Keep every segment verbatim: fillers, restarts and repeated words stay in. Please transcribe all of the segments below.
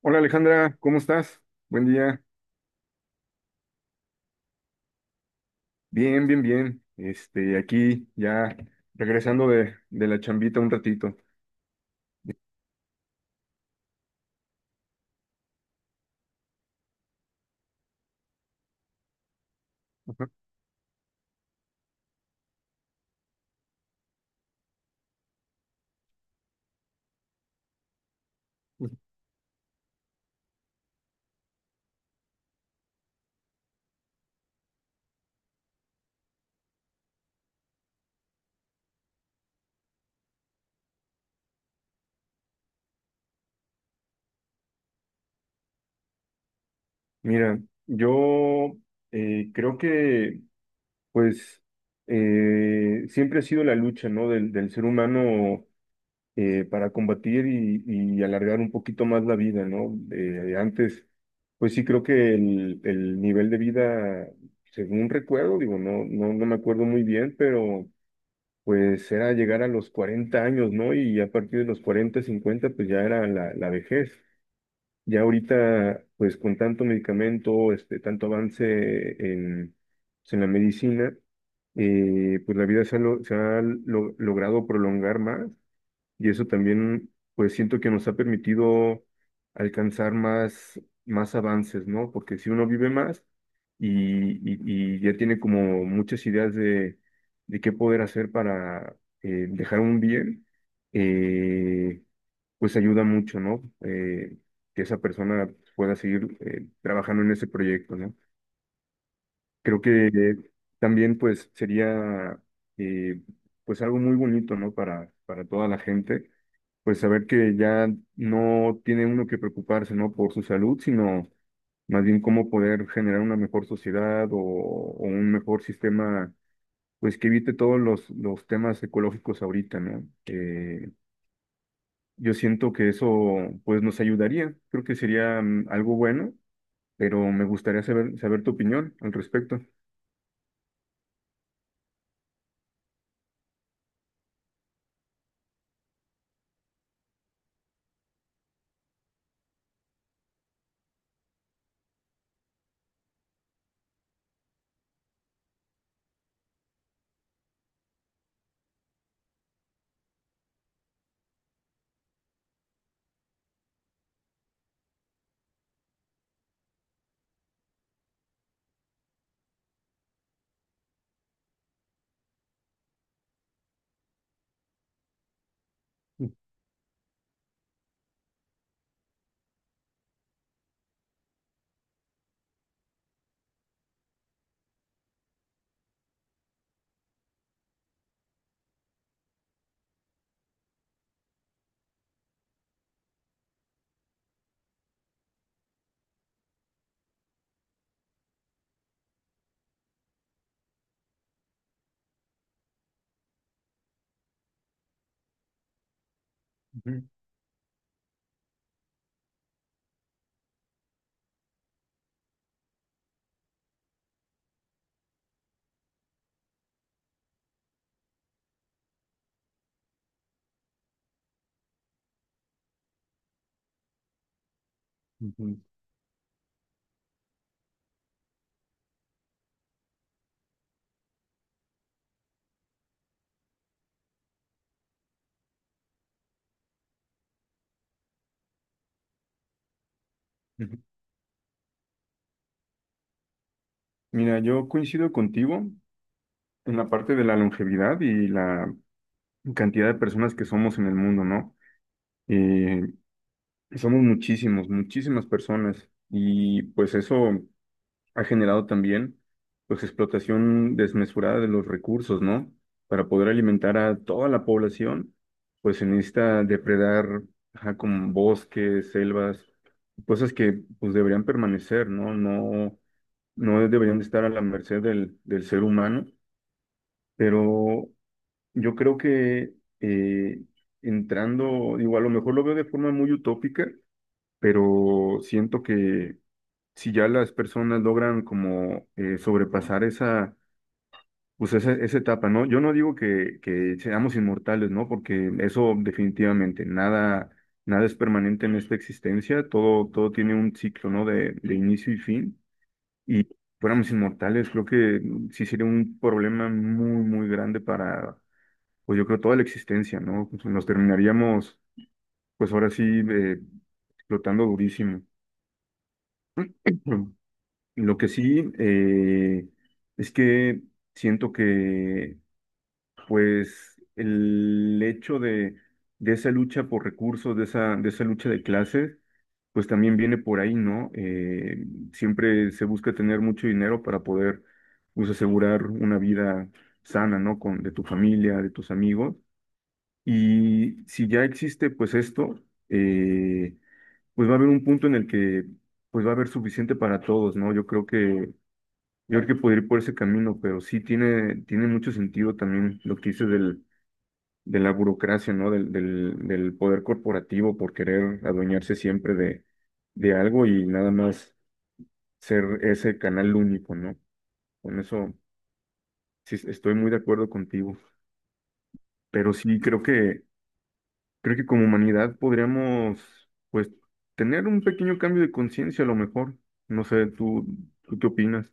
Hola, Alejandra, ¿cómo estás? Buen día. Bien, bien, bien. Este, aquí ya regresando de, de la chambita un ratito. Ajá. Mira, yo eh, creo que pues eh, siempre ha sido la lucha, ¿no? del, del ser humano, eh, para combatir y, y alargar un poquito más la vida, ¿no? Eh, antes, pues sí creo que el, el nivel de vida, según recuerdo, digo, no, no, no me acuerdo muy bien, pero pues era llegar a los cuarenta años, ¿no? Y a partir de los cuarenta, cincuenta, pues ya era la, la vejez. Ya ahorita, pues con tanto medicamento, este, tanto avance en, pues, en la medicina, eh, pues la vida se ha, lo- se ha lo- logrado prolongar más y eso también, pues siento que nos ha permitido alcanzar más, más avances, ¿no? Porque si uno vive más y, y- y ya tiene como muchas ideas de, de qué poder hacer para eh, dejar un bien, eh, pues ayuda mucho, ¿no? Eh, que esa persona pueda seguir eh, trabajando en ese proyecto, ¿no? Creo que eh, también pues sería, eh, pues algo muy bonito, ¿no? Para, para toda la gente pues saber que ya no tiene uno que preocuparse, ¿no? Por su salud, sino más bien cómo poder generar una mejor sociedad o, o un mejor sistema, pues que evite todos los, los temas ecológicos ahorita, ¿no? Eh, yo siento que eso, pues nos ayudaría, creo que sería mm, algo bueno, pero me gustaría saber, saber tu opinión al respecto. Ujú, ujú, ujú. Mira, yo coincido contigo en la parte de la longevidad y la cantidad de personas que somos en el mundo, ¿no? Eh, Somos muchísimos, muchísimas personas y pues eso ha generado también pues explotación desmesurada de los recursos, ¿no? Para poder alimentar a toda la población, pues se necesita depredar, ajá, con bosques, selvas, cosas que pues deberían permanecer, ¿no? No, no deberían de estar a la merced del, del ser humano, pero yo creo que eh, entrando, digo, a lo mejor lo veo de forma muy utópica, pero siento que si ya las personas logran como eh, sobrepasar esa, pues esa, esa etapa, ¿no? Yo no digo que, que seamos inmortales, ¿no? Porque eso definitivamente, nada, nada es permanente en esta existencia, todo, todo tiene un ciclo, ¿no? De, de inicio y fin. Y fuéramos inmortales, creo que sí sería un problema muy, muy grande para, pues yo creo, toda la existencia, ¿no? Pues nos terminaríamos, pues ahora sí, eh, explotando durísimo. Lo que sí, eh, es que siento que, pues, el hecho de, de esa lucha por recursos, de esa, de esa lucha de clases, pues también viene por ahí, ¿no? Eh, siempre se busca tener mucho dinero para poder, pues, asegurar una vida sana, ¿no? Con, de tu familia, de tus amigos. Y si ya existe, pues, esto, eh, pues va a haber un punto en el que, pues, va a haber suficiente para todos, ¿no? Yo creo que yo creo que podría ir por ese camino, pero sí tiene, tiene mucho sentido también lo que dices del, de la burocracia, ¿no? Del, del, del poder corporativo por querer adueñarse siempre de, de algo y nada más ser ese canal único, ¿no? Con eso sí es- estoy muy de acuerdo contigo. Pero sí creo que, creo que como humanidad podríamos, pues, tener un pequeño cambio de conciencia a lo mejor. No sé, ¿tú, tú qué opinas?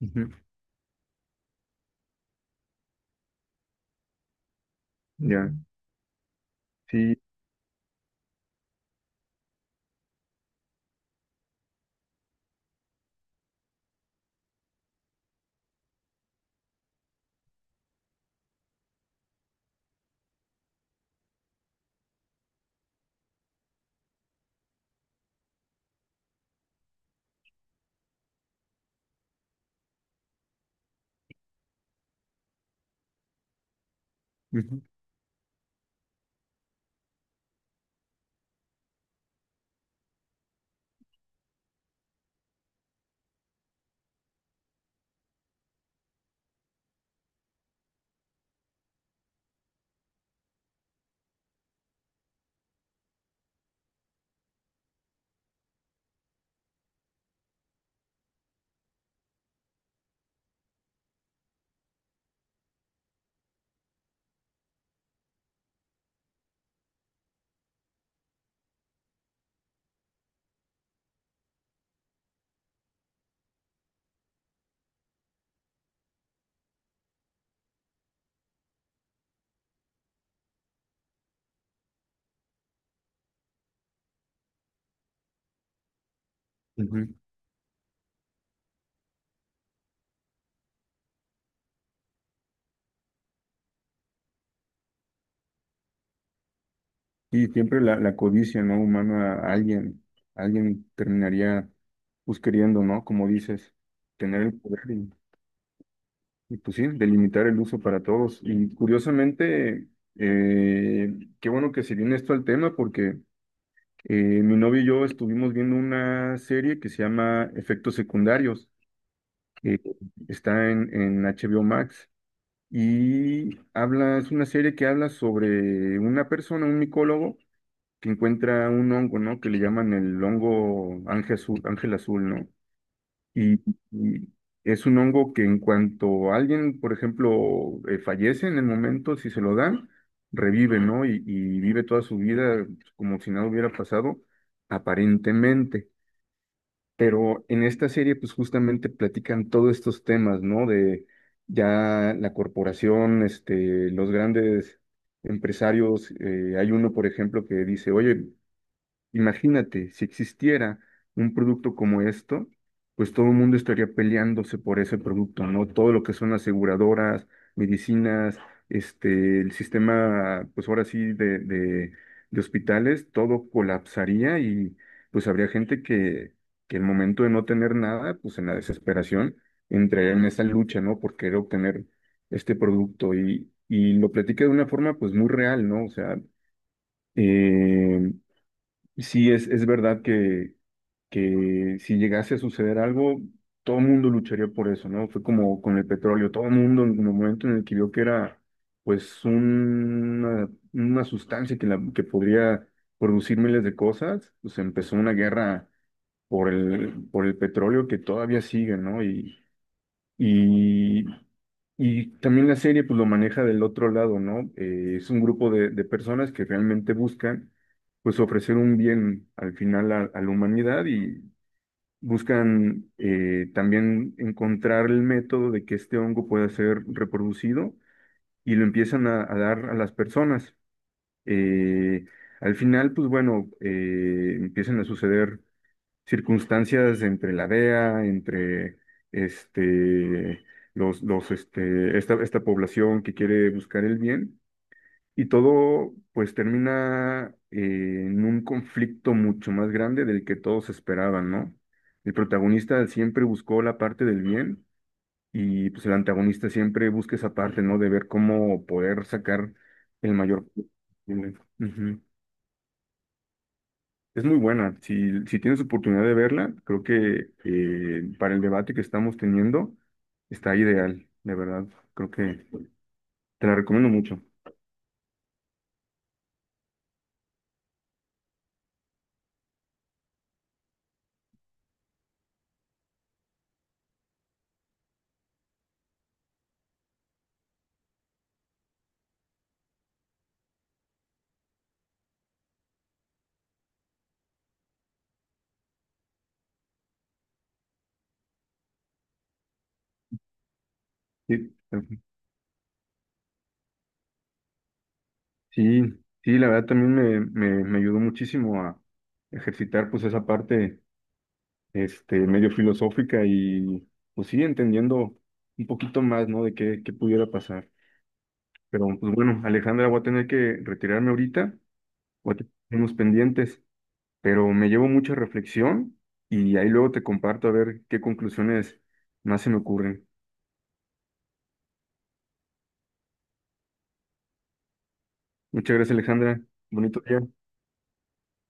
Ujú. Ya, sí. Ujú, ujú. Y siempre la, la codicia, ¿no? Humana, a alguien, alguien terminaría pues queriendo, ¿no? Como dices, tener el poder y, y, pues sí, delimitar el uso para todos. Y curiosamente, eh, qué bueno que se viene esto al tema porque, eh, mi novio y yo estuvimos viendo una serie que se llama Efectos Secundarios, que está en, en H B O Max. Y habla, es una serie que habla sobre una persona, un micólogo, que encuentra un hongo, ¿no? Que le llaman el hongo ángel azul, ángel azul, ¿no? Y, y es un hongo que en cuanto alguien, por ejemplo, eh, fallece en el momento, si se lo dan, revive, ¿no? Y, y vive toda su vida como si nada hubiera pasado, aparentemente. Pero en esta serie, pues justamente platican todos estos temas, ¿no? De ya la corporación, este, los grandes empresarios, eh, hay uno, por ejemplo, que dice, oye, imagínate, si existiera un producto como esto, pues todo el mundo estaría peleándose por ese producto, ¿no? Todo lo que son aseguradoras, medicinas, este, el sistema, pues ahora sí, de, de, de hospitales, todo colapsaría y pues habría gente que, que el momento de no tener nada, pues en la desesperación, entraría en esa lucha, ¿no? Por querer obtener este producto y, y lo platica de una forma, pues muy real, ¿no? O sea, em, sí, es, es verdad que, que si llegase a suceder algo, todo el mundo lucharía por eso, ¿no? Fue como con el petróleo, todo el mundo en el momento en el que vio que era pues una, una sustancia que, la, que podría producir miles de cosas, pues empezó una guerra por el, por el petróleo que todavía sigue, ¿no? Y, y y también la serie pues lo maneja del otro lado, ¿no? Eh, es un grupo de, de personas que realmente buscan pues ofrecer un bien al final a, a la humanidad y buscan, eh, también encontrar el método de que este hongo pueda ser reproducido y lo empiezan a, a dar a las personas. Eh, Al final pues bueno, eh, empiezan a suceder circunstancias entre la D E A, entre este, los, los, este, esta, esta población que quiere buscar el bien, y todo pues termina, eh, en un conflicto mucho más grande del que todos esperaban, ¿no? El protagonista siempre buscó la parte del bien y pues el antagonista siempre busca esa parte, ¿no? De ver cómo poder sacar el mayor... Ujú. Es muy buena. Si, si tienes oportunidad de verla, creo que, eh, para el debate que estamos teniendo está ideal, de verdad. Creo que te la recomiendo mucho. Sí, eh, sí, sí, la verdad también me, me, me ayudó muchísimo a ejercitar pues esa parte, este, medio filosófica y pues sí, entendiendo un poquito más, ¿no? De qué, qué pudiera pasar. Pero pues bueno, Alejandra, voy a tener que retirarme ahorita. Voy a tener unos pendientes, pero me llevo mucha reflexión y ahí luego te comparto a ver qué conclusiones más se me ocurren. Muchas gracias, Alejandra. Bonito día.